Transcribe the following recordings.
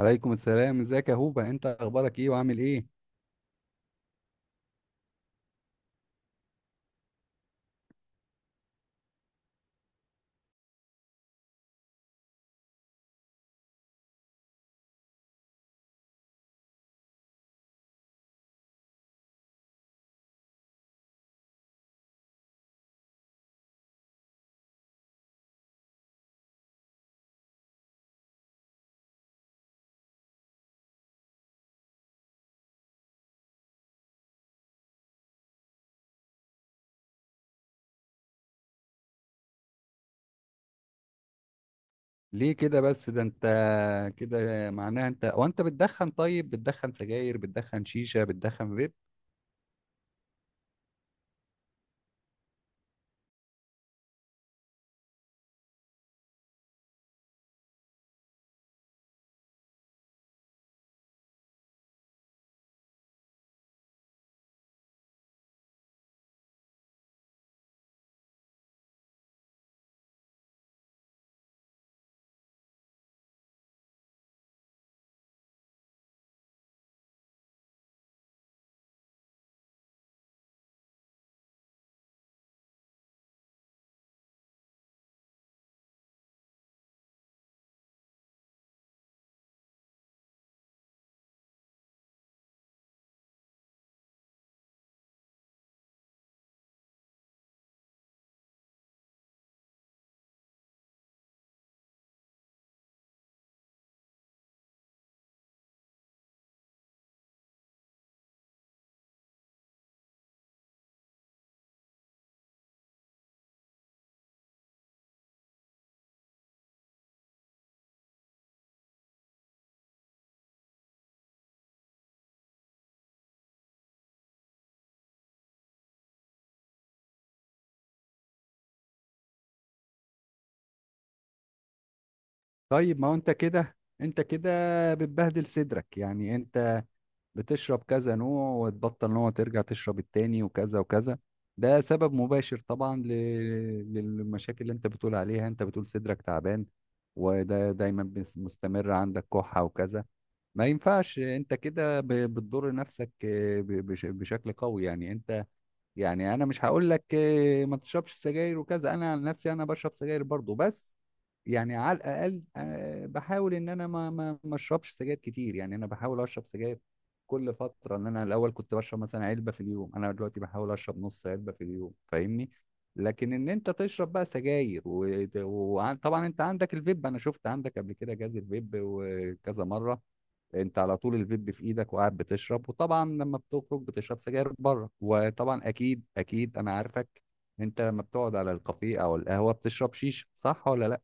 عليكم السلام، ازيك يا هوبا؟ انت اخبارك ايه وعامل ايه؟ ليه كده بس؟ ده انت كده معناها انت وانت بتدخن. طيب بتدخن سجاير؟ بتدخن شيشة؟ بتدخن فيب؟ طيب ما هو انت كده، انت كده بتبهدل صدرك. يعني انت بتشرب كذا نوع وتبطل نوع، ترجع تشرب التاني وكذا وكذا. ده سبب مباشر طبعا للمشاكل اللي انت بتقول عليها. انت بتقول صدرك تعبان، وده دايما مستمر، عندك كحة وكذا. ما ينفعش انت كده بتضر نفسك بشكل قوي يعني انت. يعني انا مش هقول لك ما تشربش سجاير وكذا، انا عن نفسي انا بشرب سجاير برضو، بس يعني على الاقل بحاول ان انا ما اشربش سجاير كتير. يعني انا بحاول اشرب سجاير كل فترة، ان انا الاول كنت بشرب مثلا علبة في اليوم، انا دلوقتي بحاول اشرب نص علبة في اليوم، فاهمني؟ لكن ان انت تشرب بقى سجاير، وطبعا انت عندك الفيب، انا شفت عندك قبل كده جهاز الفيب وكذا مرة، انت على طول الفيب في ايدك وقاعد بتشرب، وطبعا لما بتخرج بتشرب سجاير بره، وطبعا اكيد انا عارفك. انت لما بتقعد على الكافيه او القهوه بتشرب شيشه، صح ولا لا؟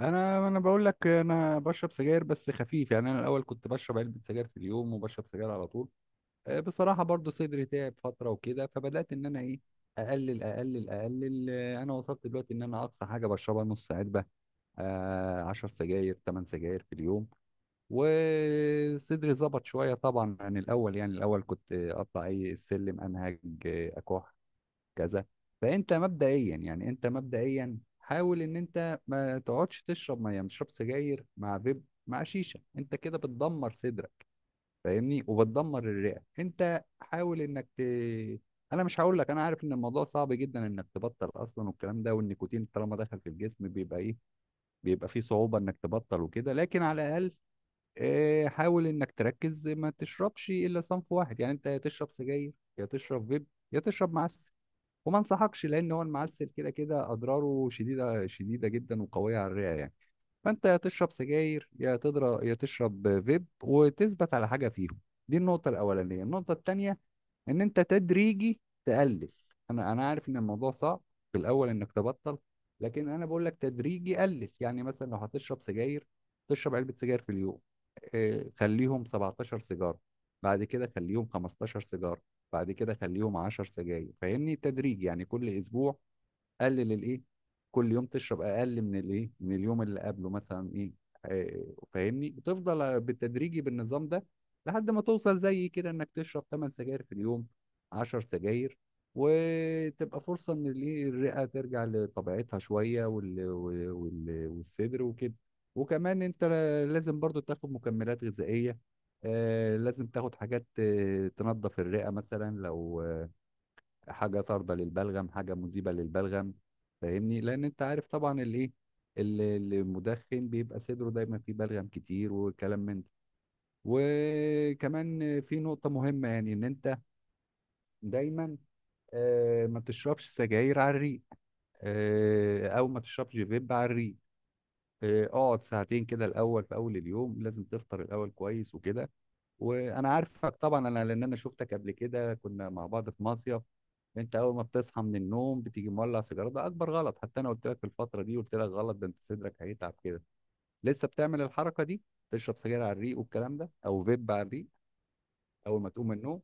انا بقول لك، انا بشرب سجاير بس خفيف. يعني انا الاول كنت بشرب علبه سجاير في اليوم وبشرب سجاير على طول. بصراحه برضو صدري تعب فتره وكده، فبدات ان انا ايه، اقلل انا وصلت دلوقتي ان انا اقصى حاجه بشربها نص علبه، آه، 10 سجاير، 8 سجاير في اليوم، وصدري ظبط شوية طبعا عن الأول. يعني الأول كنت أطلع أي السلم أنهج، أكح، كذا. فأنت مبدئيا، يعني أنت مبدئيا حاول إن أنت ما تقعدش تشرب مية، ما تشرب سجاير مع فيب مع شيشة، أنت كده بتدمر صدرك، فاهمني؟ وبتدمر الرئة. أنت حاول إنك أنا مش هقول لك، أنا عارف إن الموضوع صعب جدا إنك تبطل أصلا، والكلام ده، والنيكوتين طالما دخل في الجسم بيبقى إيه، بيبقى فيه صعوبة إنك تبطل وكده، لكن على الأقل حاول انك تركز ما تشربش الا صنف واحد. يعني انت يا تشرب سجاير، يا تشرب فيب، يا تشرب معسل، وما انصحكش، لان هو المعسل كده اضراره شديده جدا وقويه على الرئه يعني. فانت يا تشرب سجاير، يا تضرب، يا تشرب فيب، وتثبت على حاجه فيهم. دي النقطه الاولانيه. النقطه الثانيه، ان انت تدريجي تقلل. انا عارف ان الموضوع صعب في الاول انك تبطل، لكن انا بقول لك تدريجي قلل. يعني مثلا لو هتشرب سجاير، تشرب علبة سجاير في اليوم، خليهم 17 سيجارة، بعد كده خليهم 15 سيجارة، بعد كده خليهم 10 سجاير، فاهمني؟ تدريجي يعني، كل اسبوع قلل الايه، كل يوم تشرب اقل من الايه، من اليوم اللي قبله مثلا ايه، فاهمني؟ وتفضل بالتدريجي بالنظام ده لحد ما توصل زي كده انك تشرب 8 سجاير في اليوم، 10 سجاير، وتبقى فرصة ان الايه الرئة ترجع لطبيعتها شوية، والصدر وكده. وكمان انت لازم برضو تاخد مكملات غذائية، لازم تاخد حاجات تنظف الرئة، مثلا لو حاجه طارده للبلغم، حاجه مذيبه للبلغم، فاهمني؟ لان انت عارف طبعا الايه، ال- المدخن بيبقى صدره دايما فيه بلغم كتير وكلام من ده. وكمان في نقطه مهمه، يعني ان انت دايما ما تشربش سجاير على الريق، او ما تشربش فيب على الريق. إيه، اقعد ساعتين كده الاول، في اول اليوم لازم تفطر الاول كويس وكده. وانا عارفك طبعا انا، لان انا شفتك قبل كده كنا مع بعض في مصيف، انت اول ما بتصحى من النوم بتيجي مولع سيجاره، ده اكبر غلط. حتى انا قلت لك في الفتره دي، قلت لك غلط ده، انت صدرك هيتعب كده. لسه بتعمل الحركه دي؟ تشرب سجاير على الريق والكلام ده، او فيب على الريق اول ما تقوم من النوم؟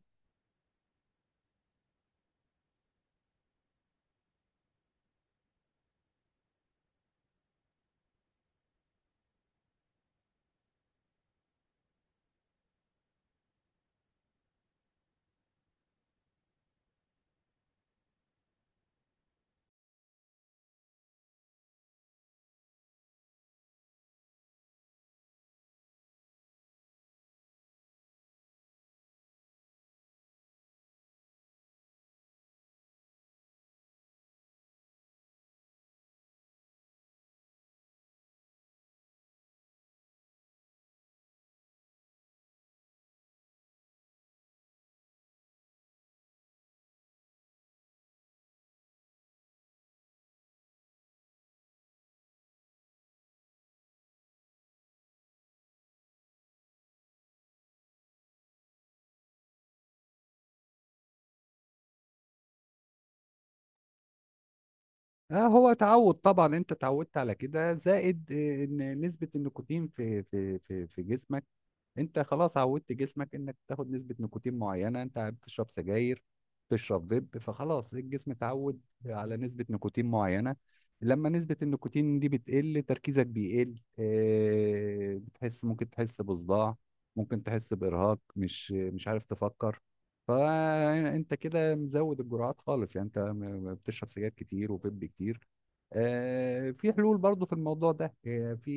اه، هو تعود طبعا، انت اتعودت على كده، زائد إيه، ان نسبه النيكوتين في جسمك، انت خلاص عودت جسمك انك تاخد نسبة نيكوتين معينة، انت بتشرب سجاير، تشرب فيب، فخلاص الجسم اتعود على نسبة نيكوتين معينة. لما نسبة النيكوتين دي بتقل، تركيزك بيقل، اه، بتحس، ممكن تحس بصداع، ممكن تحس بإرهاق، مش عارف تفكر. فانت كده مزود الجرعات خالص، يعني انت بتشرب سجاير كتير وفيب كتير. في حلول برضو في الموضوع ده، آه، في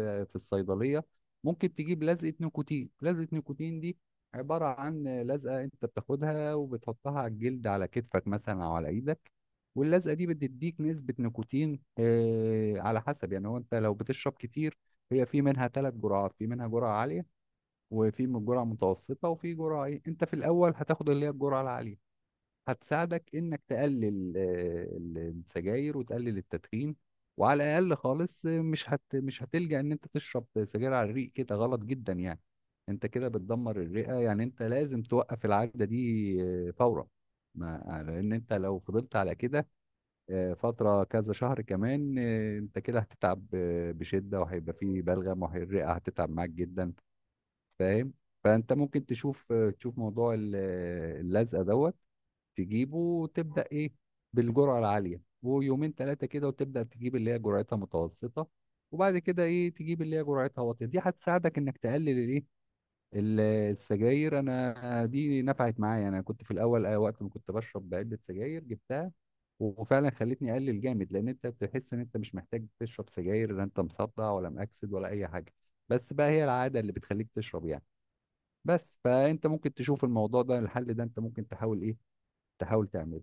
آه، في الصيدلية ممكن تجيب لزقة نيكوتين. لزقة نيكوتين دي عبارة عن لزقة انت بتاخدها وبتحطها على الجلد، على كتفك مثلا او على ايدك، واللزقة دي بتديك نسبة نيكوتين، على حسب يعني، هو انت لو بتشرب كتير، هي في منها ثلاث جرعات، في منها جرعة عالية، وفي من جرعة متوسطة، وفي جرعة ايه، انت في الاول هتاخد اللي هي الجرعة العالية، هتساعدك انك تقلل السجاير وتقلل التدخين، وعلى الاقل خالص مش هتلجأ ان انت تشرب سجاير على الريق، كده غلط جدا يعني. انت كده بتدمر الرئة، يعني انت لازم توقف العادة دي فورا. ما آه، لان انت لو فضلت على كده فترة كذا شهر كمان، انت كده هتتعب بشدة، وهيبقى فيه بلغم، والرئة هتتعب معاك جدا، فاهم؟ فانت ممكن تشوف تشوف موضوع اللزقة دوت، تجيبه وتبدا ايه بالجرعه العاليه، ويومين ثلاثه كده وتبدا تجيب اللي هي جرعتها متوسطه، وبعد كده ايه تجيب اللي هي جرعتها واطيه. دي هتساعدك انك تقلل الايه، السجاير. انا دي نفعت معايا، انا كنت في الاول وقت ما كنت بشرب علبه سجاير جبتها، وفعلا خلتني اقلل جامد، لان انت بتحس ان انت مش محتاج تشرب سجاير، لا انت مصدع ولا مأكسد ولا اي حاجه، بس بقى هي العاده اللي بتخليك تشرب يعني. بس فانت ممكن تشوف الموضوع ده، الحل ده انت ممكن تحاول ايه، تحاول تعمله.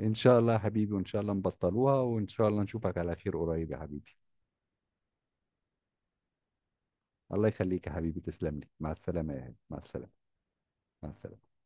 ان شاء الله يا حبيبي، وان شاء الله نبطلوها، وان شاء الله نشوفك على خير قريب يا حبيبي. الله يخليك يا حبيبي، تسلم لي، مع السلامة يا هاني، مع السلامة. مع السلامة.